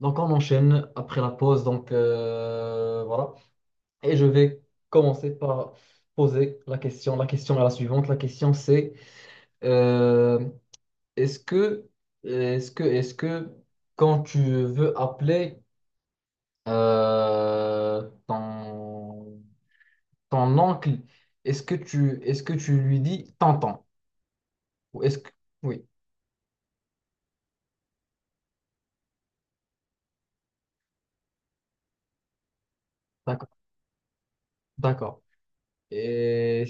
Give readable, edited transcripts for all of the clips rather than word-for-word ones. Donc on enchaîne après la pause. Donc voilà. Et je vais commencer par poser la question. La question est la suivante. La question c'est euh, est-ce que est-ce que quand tu veux appeler euh, ton, ton oncle, est-ce que tu lui dis tonton? Ou est-ce que oui, d'accord, d'accord. Et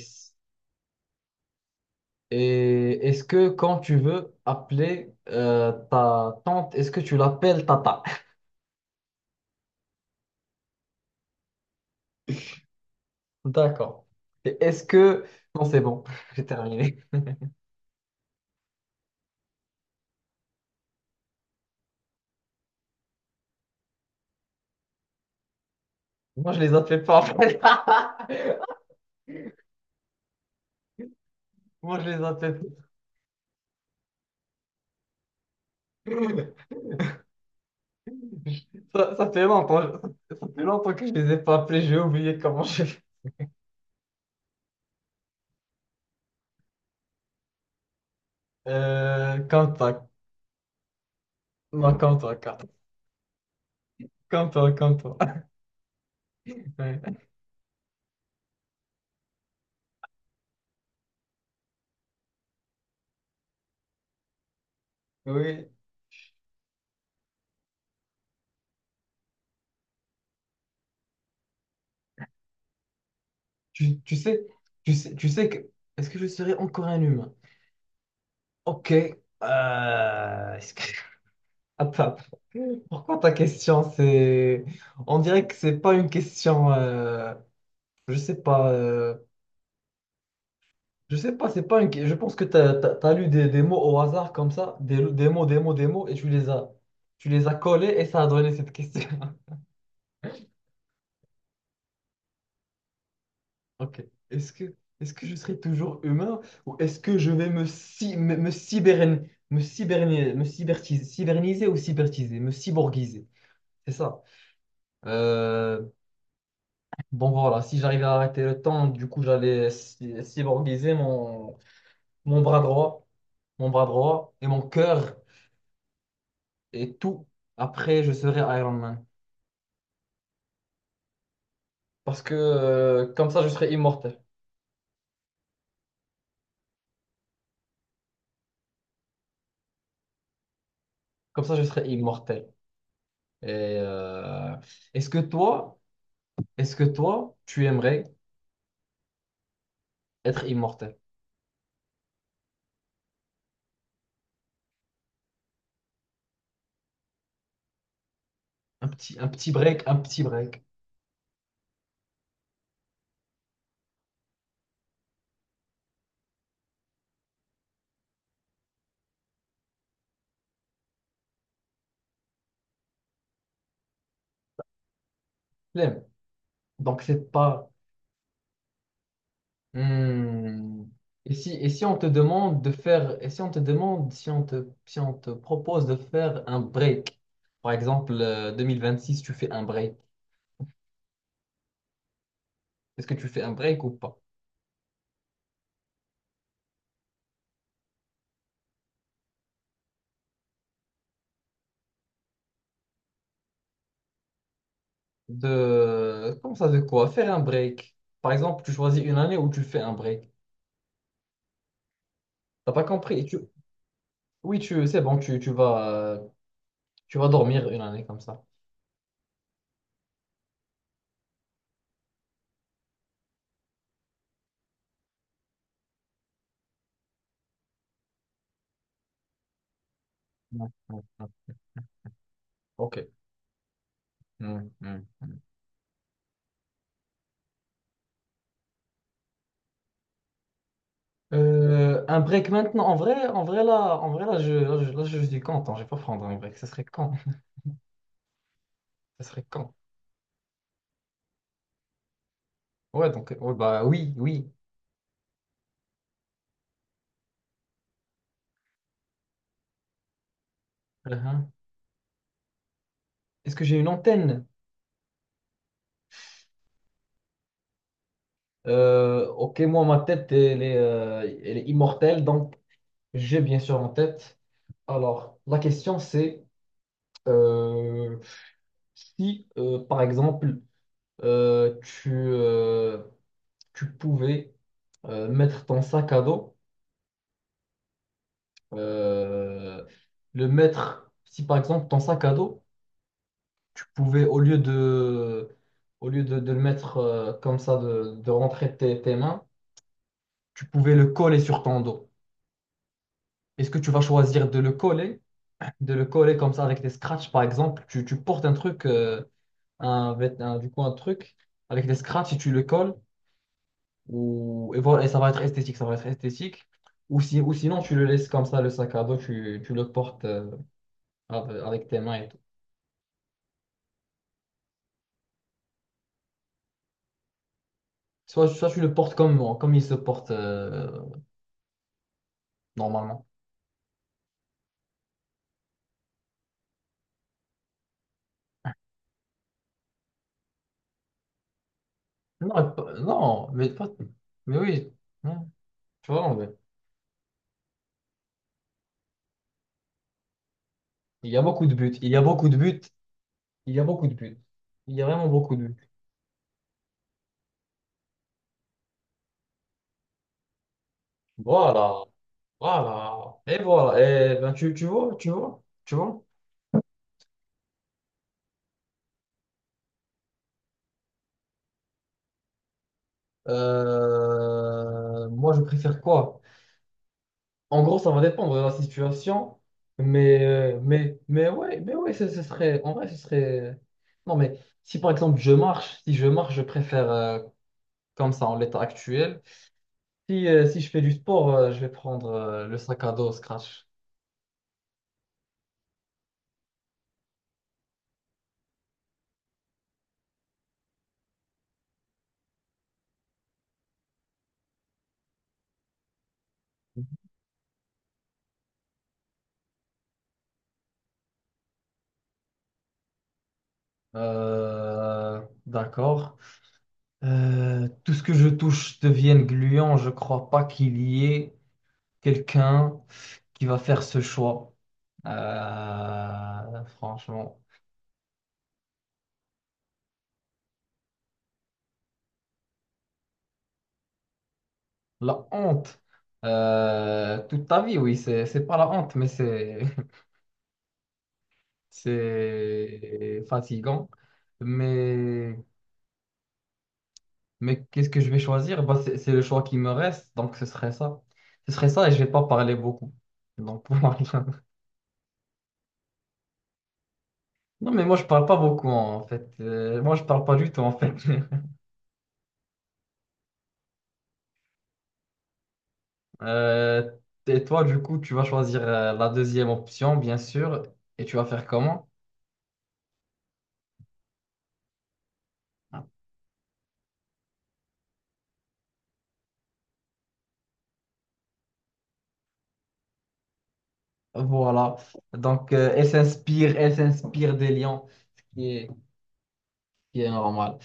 Et est-ce que quand tu veux appeler ta tante, est-ce que tu l'appelles tata? D'accord. Et est-ce que... Non, c'est bon, j'ai terminé. Moi, je les appelle pas en fait. Moi, je les appelle pas. Ça fait longtemps, ça fait longtemps que je les ai pas appelés, j'ai oublié comment je euh, comme toi. Non, comme toi, comme toi. Ouais. Oui. Tu sais que... Est-ce que je serai encore un humain? Ok. Attends. Pourquoi ta question, c'est... On dirait que c'est pas une question... Je sais pas. Je sais pas, c'est pas une... que- Je pense que t'as lu des mots au hasard comme ça. Des mots. Et tu les as... Tu les as collés et ça a donné cette question. Ok. Est-ce que je serai toujours humain ou est-ce que je vais me cyberne- me cyberni- me cybertiser, me cyborgiser? C'est ça. Euh, Bon voilà, si j'arrivais à arrêter le temps, du coup cyborgiser mon bras droit, mon bras droit et mon cœur et tout. Après, je serais Iron Man. Parce que comme ça, je serais immortel. Comme ça, je serais immortel. Et euh, est-ce que toi, est-ce que toi, tu aimerais être immortel? Un petit break. L'aime. Donc c'est pas, hmm. Et si on te demande de faire, si on te propose de faire un break, par exemple, six tu fais un break. Est-ce que tu fais un break ou pas? De, comment ça, de quoi? Faire un break. Par exemple, tu choisis une année où tu fais un break. T'as pas compris? Oui, c'est bon, tu vas dormir une année comme ça. Ouais, ouais, ouais. Ok. Mm, mm, mm. Un break maintenant. En vrai, je suis content. Je vais pas prendre un break. Ça serait quand? Ça serait quand? Ouais, donc, ouais, bah oui, oui. Uhum. Est-ce que j'ai une antenne? Ok, moi, ma tête, elle est immortelle, donc j'ai bien sûr en tête. Alors, la question c'est euh, si, par exemple, euh, tu, euh, tu pouvais mettre ton sac à dos euh, le mettre, si par exemple ton sac à dos, tu pouvais, au lieu de le mettre comme ça, de rentrer tes mains, tu pouvais le coller sur ton dos. Est-ce que tu vas choisir de le coller comme ça avec des scratchs, par exemple, tu portes un truc, du coup un truc avec des scratchs et tu le colles, ou, et voilà, et ça va être esthétique, ça va être esthétique. Ou, si, ou sinon, tu le laisses comme ça, le sac à dos, tu le portes avec tes mains et tout. Soit, soit tu le portes comme moi, comme il se porte normalement. Non, mais pas. Mais oui, non, tu vois, mais il y a beaucoup de buts. Il y a beaucoup de buts. Il y a beaucoup de buts. Il y a vraiment beaucoup de buts. Voilà, voilà. Et voilà. Et ben, tu vois, tu vois, tu vois. Moi, je préfère quoi? En gros, ça va dépendre de la situation. Mais, mais ouais, ce serait. En vrai, ce serait. Non, mais si par exemple je marche, si je marche, je préfère. Comme ça en l'état actuel. Si je fais du sport, je vais prendre le sac à dos Scratch. Euh, d'accord. Tout ce que je touche devient gluant. Je crois pas qu'il y ait quelqu'un qui va faire ce choix. Franchement, la honte. Toute ta vie, c'est pas la honte, mais c'est, c'est fatigant. Mais Mais qu'est-ce que je vais choisir? Bah, c'est le choix qui me reste, donc ce serait ça. Ce serait ça et je vais pas parler beaucoup. Donc, pour moi, non, mais moi, je parle pas beaucoup, hein, en fait. Moi, je parle pas du tout, en fait. Euh, et toi, du coup, tu vas choisir la deuxième option, bien sûr. Et tu vas faire comment? Voilà. Donc, elle s'inspire des lions, ce qui est normal.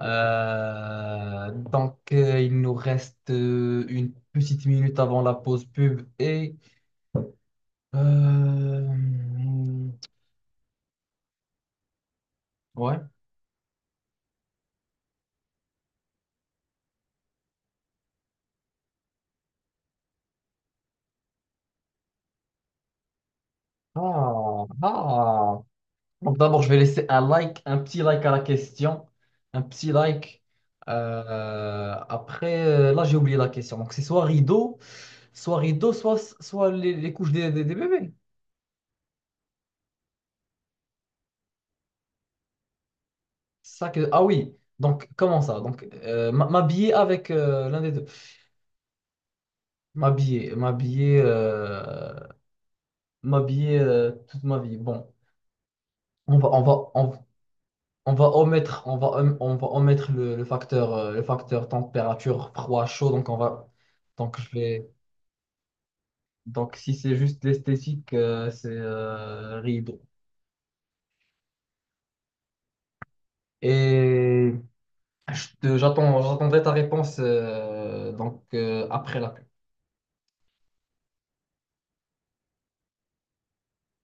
Donc, il nous reste une petite minute avant la pause pub et euh, ouais. Ah, ah. Donc d'abord, je vais laisser un like, un petit like à la question. Un petit like. Après, là, j'ai oublié la question. Donc c'est soit rideau, soit les, couches des bébés. C'est Ça que... Ah oui. Donc comment ça? Donc m'habiller avec l'un des deux. M'habiller, m'habiller, euh, m'habiller toute ma vie. Bon, on va, on va, on, On va omettre, on va omettre le, facteur, le facteur température, froid, chaud. Donc, je vais, donc si c'est juste l'esthétique, c'est rideau. Et j'attends, j'attendrai ta réponse donc, après la pub.